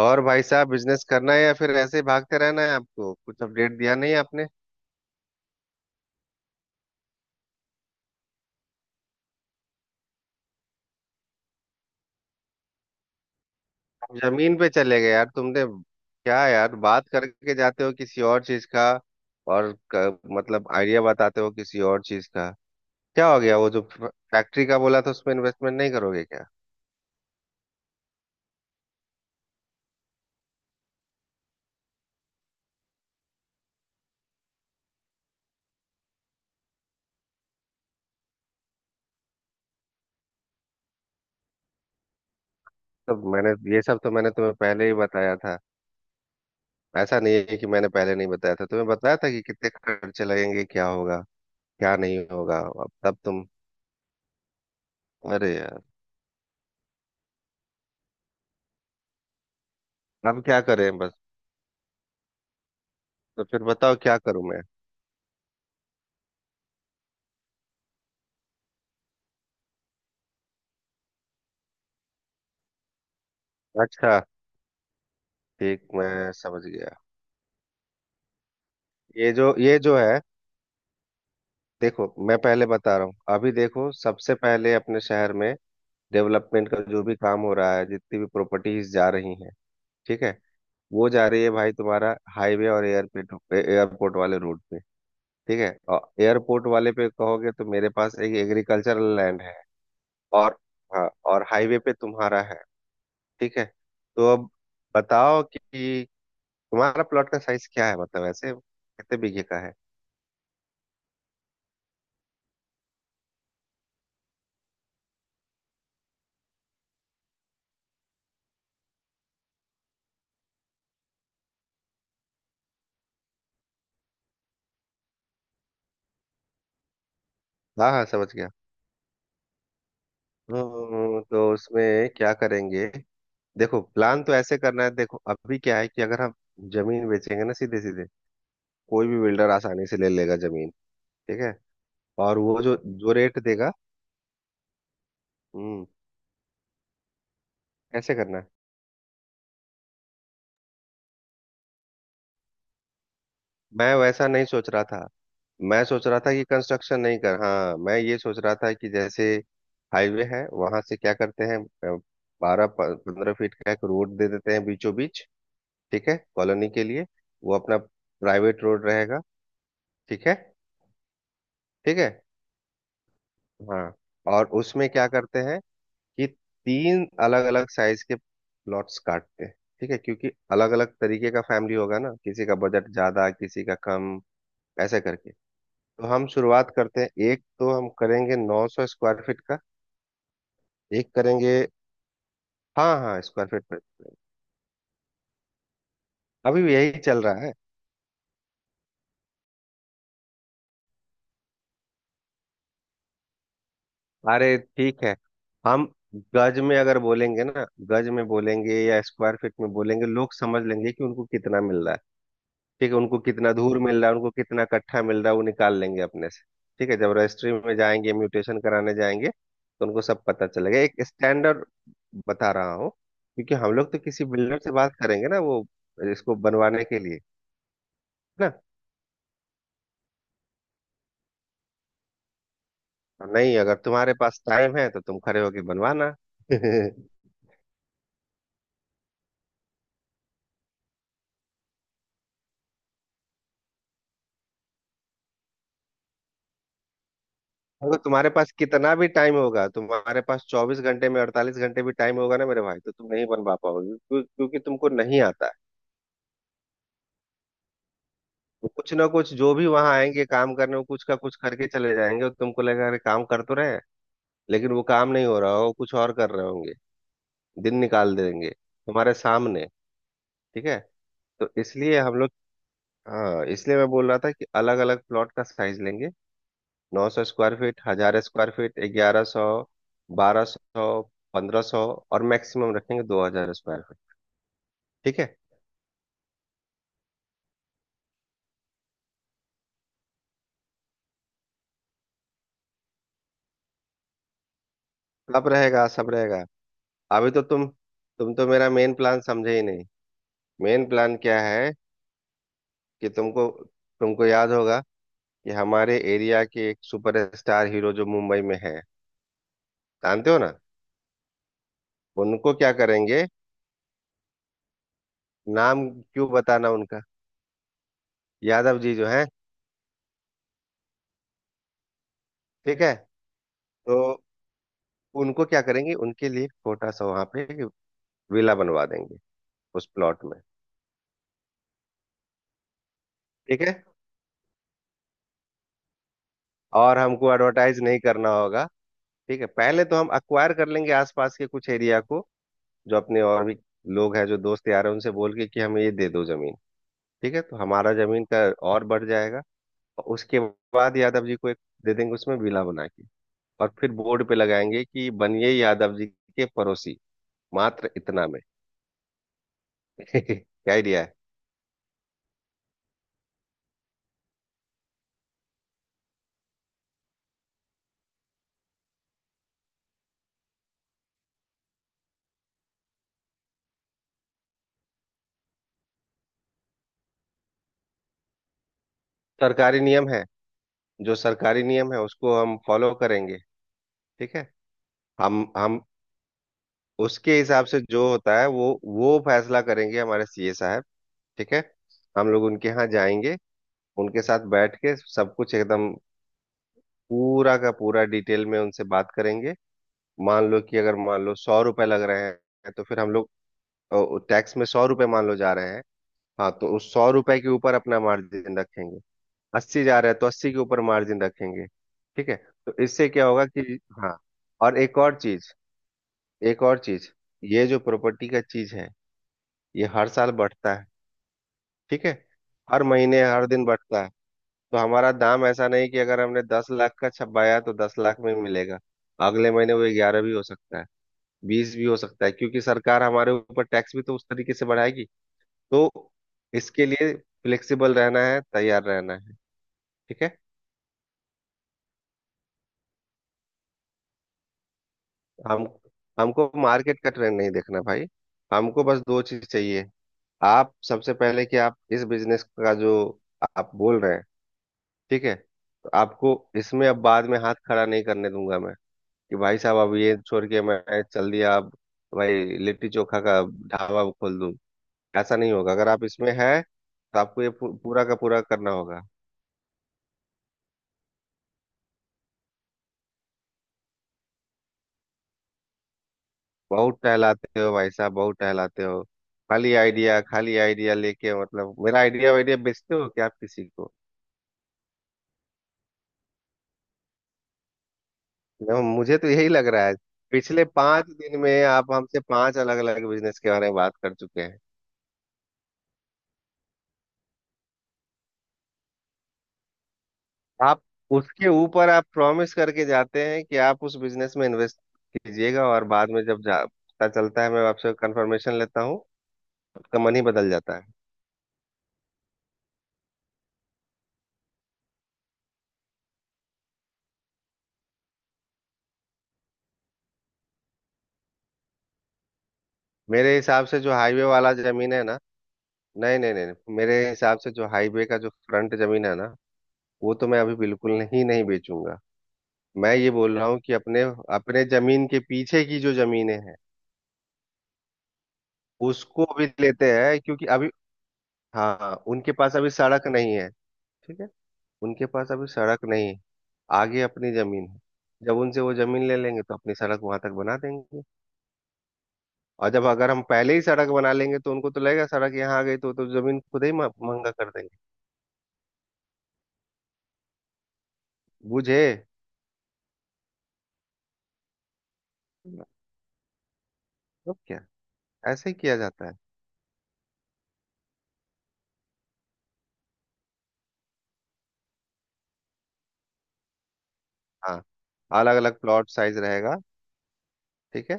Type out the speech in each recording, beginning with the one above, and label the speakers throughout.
Speaker 1: और भाई साहब, बिजनेस करना है या फिर ऐसे ही भागते रहना है? आपको कुछ अपडेट दिया नहीं आपने। जमीन पे चले गए यार तुमने, क्या यार, बात करके जाते हो किसी और चीज का। और मतलब आइडिया बताते हो किसी और चीज का। क्या हो गया? वो जो फैक्ट्री का बोला था, उसमें इन्वेस्टमेंट नहीं करोगे क्या? तो मैंने, ये सब तो मैंने तुम्हें पहले ही बताया था। ऐसा नहीं है कि मैंने पहले नहीं बताया था, तुम्हें बताया था कि कितने खर्चे लगेंगे, क्या होगा क्या नहीं होगा। अब तब तुम, अरे यार, अब क्या करें बस। तो फिर बताओ, क्या करूं मैं? अच्छा, ठीक, मैं समझ गया। ये जो है। देखो, मैं पहले बता रहा हूँ, अभी देखो, सबसे पहले अपने शहर में डेवलपमेंट का जो भी काम हो रहा है, जितनी भी प्रॉपर्टीज जा रही हैं, ठीक है? वो जा रही है भाई, तुम्हारा हाईवे और एयरपोर्ट, एयरपोर्ट वाले रोड पे। ठीक है? और एयरपोर्ट वाले पे कहोगे तो मेरे पास एक एग्रीकल्चरल लैंड है। और हाँ, और हाईवे पे तुम्हारा है। ठीक है। तो अब बताओ कि तुम्हारा प्लॉट का साइज क्या है, मतलब ऐसे कितने बीघे का है? हाँ हाँ, समझ गया। तो उसमें क्या करेंगे? देखो, प्लान तो ऐसे करना है। देखो अभी क्या है कि अगर हम जमीन बेचेंगे ना सीधे सीधे, कोई भी बिल्डर आसानी से ले लेगा जमीन। ठीक है? और वो जो जो रेट देगा, हम्म, ऐसे करना है। मैं वैसा नहीं सोच रहा था, मैं सोच रहा था कि कंस्ट्रक्शन नहीं कर, हाँ, मैं ये सोच रहा था कि जैसे हाईवे है वहां से क्या करते हैं, 12-15 फीट का एक रोड दे देते हैं बीचों बीच। ठीक है, कॉलोनी के लिए। वो अपना प्राइवेट रोड रहेगा। ठीक है। ठीक है। हाँ, और उसमें क्या करते हैं कि तीन अलग अलग साइज के प्लॉट्स काटते हैं। ठीक है, क्योंकि अलग अलग तरीके का फैमिली होगा ना, किसी का बजट ज्यादा किसी का कम। ऐसे करके, तो हम शुरुआत करते हैं। एक तो हम करेंगे 900 स्क्वायर फीट का, एक करेंगे, हाँ हाँ, स्क्वायर फीट पर अभी भी यही चल रहा है। अरे ठीक है। हम गज में अगर बोलेंगे ना, गज में बोलेंगे या स्क्वायर फीट में बोलेंगे, लोग समझ लेंगे कि उनको कितना मिल रहा है। ठीक है, उनको कितना धूर मिल रहा है, उनको कितना कट्ठा मिल रहा है, वो निकाल लेंगे अपने से। ठीक है, जब रजिस्ट्री में जाएंगे, म्यूटेशन कराने जाएंगे, तो उनको सब पता चलेगा। एक स्टैंडर्ड बता रहा हूँ, क्योंकि हम लोग तो किसी बिल्डर से बात करेंगे ना, वो इसको बनवाने के लिए, है ना? तो नहीं, अगर तुम्हारे पास टाइम है तो तुम खड़े होके बनवाना। अगर तुम्हारे पास कितना भी टाइम होगा, तुम्हारे पास 24 घंटे में 48 घंटे भी टाइम होगा ना मेरे भाई, तो तुम नहीं बनवा पाओगे। क्योंकि तुमको नहीं आता। वो कुछ ना कुछ जो भी वहां आएंगे काम करने, वो कुछ का कुछ करके चले जाएंगे और तुमको लगेगा अरे काम कर तो रहे हैं, लेकिन वो काम नहीं हो रहा हो, कुछ और कर रहे होंगे। दिन निकाल देंगे तुम्हारे सामने। ठीक है? तो इसलिए हम लोग, हाँ, इसलिए मैं बोल रहा था कि अलग अलग प्लॉट का साइज लेंगे। 900 स्क्वायर फीट, 1000 स्क्वायर फीट, 1100, 1200, 1500, और मैक्सिमम रखेंगे 2000 स्क्वायर फीट। ठीक है, सब रहेगा सब रहेगा। अभी तो तुम तो मेरा मेन प्लान समझे ही नहीं। मेन प्लान क्या है? कि तुमको, तुमको याद होगा कि हमारे एरिया के एक सुपरस्टार हीरो जो मुंबई में है, जानते हो ना? उनको क्या करेंगे, नाम क्यों बताना उनका? यादव जी जो है। ठीक है, तो उनको क्या करेंगे, उनके लिए छोटा सा वहां पे विला बनवा देंगे उस प्लॉट में। ठीक है, और हमको एडवर्टाइज नहीं करना होगा। ठीक है, पहले तो हम अक्वायर कर लेंगे आसपास के कुछ एरिया को। जो अपने और भी लोग हैं जो दोस्त यार हैं, उनसे बोल के कि हमें ये दे दो जमीन। ठीक है, तो हमारा जमीन का और बढ़ जाएगा। उसके बाद यादव जी को एक दे देंगे, उसमें विला बना के, और फिर बोर्ड पे लगाएंगे कि बनिए यादव जी के पड़ोसी मात्र इतना में। क्या आइडिया है! सरकारी नियम है, जो सरकारी नियम है उसको हम फॉलो करेंगे। ठीक है। हम उसके हिसाब से जो होता है वो फैसला करेंगे हमारे सीए साहब। ठीक है, हम लोग उनके यहाँ जाएंगे, उनके साथ बैठ के सब कुछ एकदम पूरा का पूरा डिटेल में उनसे बात करेंगे। मान लो कि अगर मान लो ₹100 लग रहे हैं, तो फिर हम लोग, और टैक्स में ₹100 मान लो जा रहे हैं, हाँ, तो उस ₹100 के ऊपर अपना मार्जिन रखेंगे। 80 जा रहा है तो 80 के ऊपर मार्जिन रखेंगे। ठीक है, तो इससे क्या होगा कि, हाँ, और एक और चीज, एक और चीज, ये जो प्रॉपर्टी का चीज है, ये हर साल बढ़ता है। ठीक है, हर महीने हर दिन बढ़ता है। तो हमारा दाम ऐसा नहीं कि अगर हमने 10 लाख का छपाया तो 10 लाख में मिलेगा। अगले महीने वो 11 भी हो सकता है, 20 भी हो सकता है, क्योंकि सरकार हमारे ऊपर टैक्स भी तो उस तरीके से बढ़ाएगी। तो इसके लिए फ्लेक्सिबल रहना है, तैयार रहना है। ठीक है। हम हमको मार्केट का ट्रेंड नहीं देखना भाई, हमको बस दो चीज चाहिए आप। सबसे पहले कि आप इस बिजनेस का जो आप बोल रहे हैं, ठीक है, तो आपको इसमें अब बाद में हाथ खड़ा नहीं करने दूंगा मैं कि भाई साहब अब ये छोड़ के मैं चल दिया, अब भाई लिट्टी चोखा का ढाबा खोल दूं। ऐसा नहीं होगा, अगर आप इसमें है तो आपको ये पूरा का पूरा करना होगा। बहुत टहलाते हो भाई साहब, बहुत टहलाते हो। खाली आइडिया, खाली आइडिया लेके, मतलब मेरा आइडिया वाइडिया बेचते हो क्या आप किसी को? No, मुझे तो यही लग रहा है। पिछले 5 दिन में आप हमसे 5 अलग अलग बिजनेस के बारे में बात कर चुके हैं। आप उसके ऊपर आप प्रॉमिस करके जाते हैं कि आप उस बिजनेस में इन्वेस्ट कीजिएगा, और बाद में जब जा पता चलता है, मैं आपसे कंफर्मेशन लेता हूँ, आपका मन ही बदल जाता है। मेरे हिसाब से जो हाईवे वाला जमीन है ना, नहीं नहीं नहीं नहीं, मेरे हिसाब से जो हाईवे का जो फ्रंट जमीन है ना, वो तो मैं अभी बिल्कुल नहीं नहीं बेचूंगा। मैं ये बोल रहा हूँ कि अपने, अपने जमीन के पीछे की जो जमीनें हैं, उसको भी लेते हैं, क्योंकि अभी, हाँ, उनके पास अभी सड़क नहीं है। ठीक है, उनके पास अभी सड़क नहीं है, आगे अपनी जमीन है। जब उनसे वो जमीन ले लेंगे तो अपनी सड़क वहां तक बना देंगे। और जब अगर हम पहले ही सड़क बना लेंगे तो उनको तो लगेगा सड़क यहाँ आ गई, तो जमीन खुद ही महंगा कर देंगे। बुझे? मतलब क्या, ऐसे ही किया जाता है। हाँ, अलग अलग प्लॉट साइज रहेगा। ठीक है,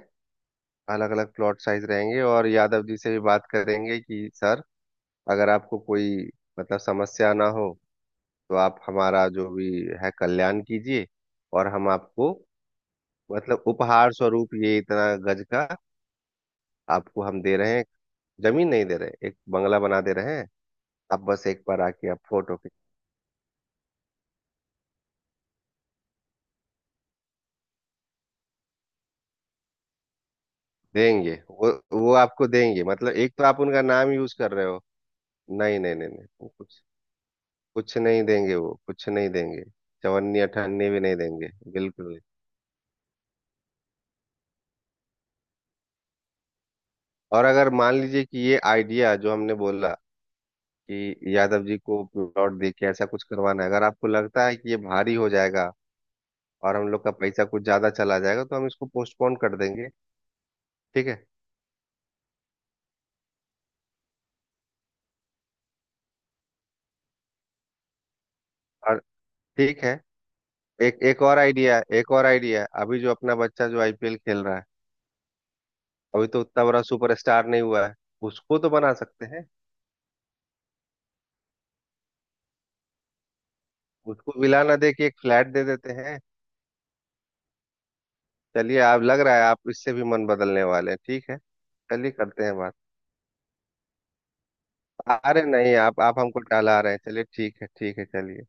Speaker 1: अलग अलग प्लॉट साइज रहेंगे। और यादव जी से भी बात करेंगे कि सर, अगर आपको कोई मतलब समस्या ना हो, तो आप हमारा जो भी है कल्याण कीजिए, और हम आपको मतलब उपहार स्वरूप ये इतना गज का आपको हम दे रहे हैं, जमीन नहीं दे रहे, एक बंगला बना दे रहे हैं। आप बस एक बार आके आप फोटो खींच देंगे वो आपको देंगे, मतलब एक तो आप उनका नाम यूज कर रहे हो। नहीं नहीं नहीं नहीं, वो कुछ कुछ नहीं देंगे, वो कुछ नहीं देंगे। चवन्नी अठन्नी भी नहीं देंगे बिल्कुल। और अगर मान लीजिए कि ये आइडिया जो हमने बोला कि यादव जी को प्लॉट दे के ऐसा कुछ करवाना है, अगर आपको लगता है कि ये भारी हो जाएगा और हम लोग का पैसा कुछ ज्यादा चला जाएगा, तो हम इसको पोस्टपोन कर देंगे। ठीक है। और ठीक है, एक एक और आइडिया है, एक और आइडिया है। अभी जो अपना बच्चा जो आईपीएल खेल रहा है, अभी तो उतना बड़ा सुपरस्टार नहीं हुआ है, उसको तो बना सकते हैं। उसको विला ना दे के एक फ्लैट दे देते हैं। चलिए, आप, लग रहा है आप इससे भी मन बदलने वाले हैं। ठीक है, चलिए करते हैं बात। अरे नहीं, आप हमको टाला रहे हैं। चलिए ठीक है, ठीक है, चलिए।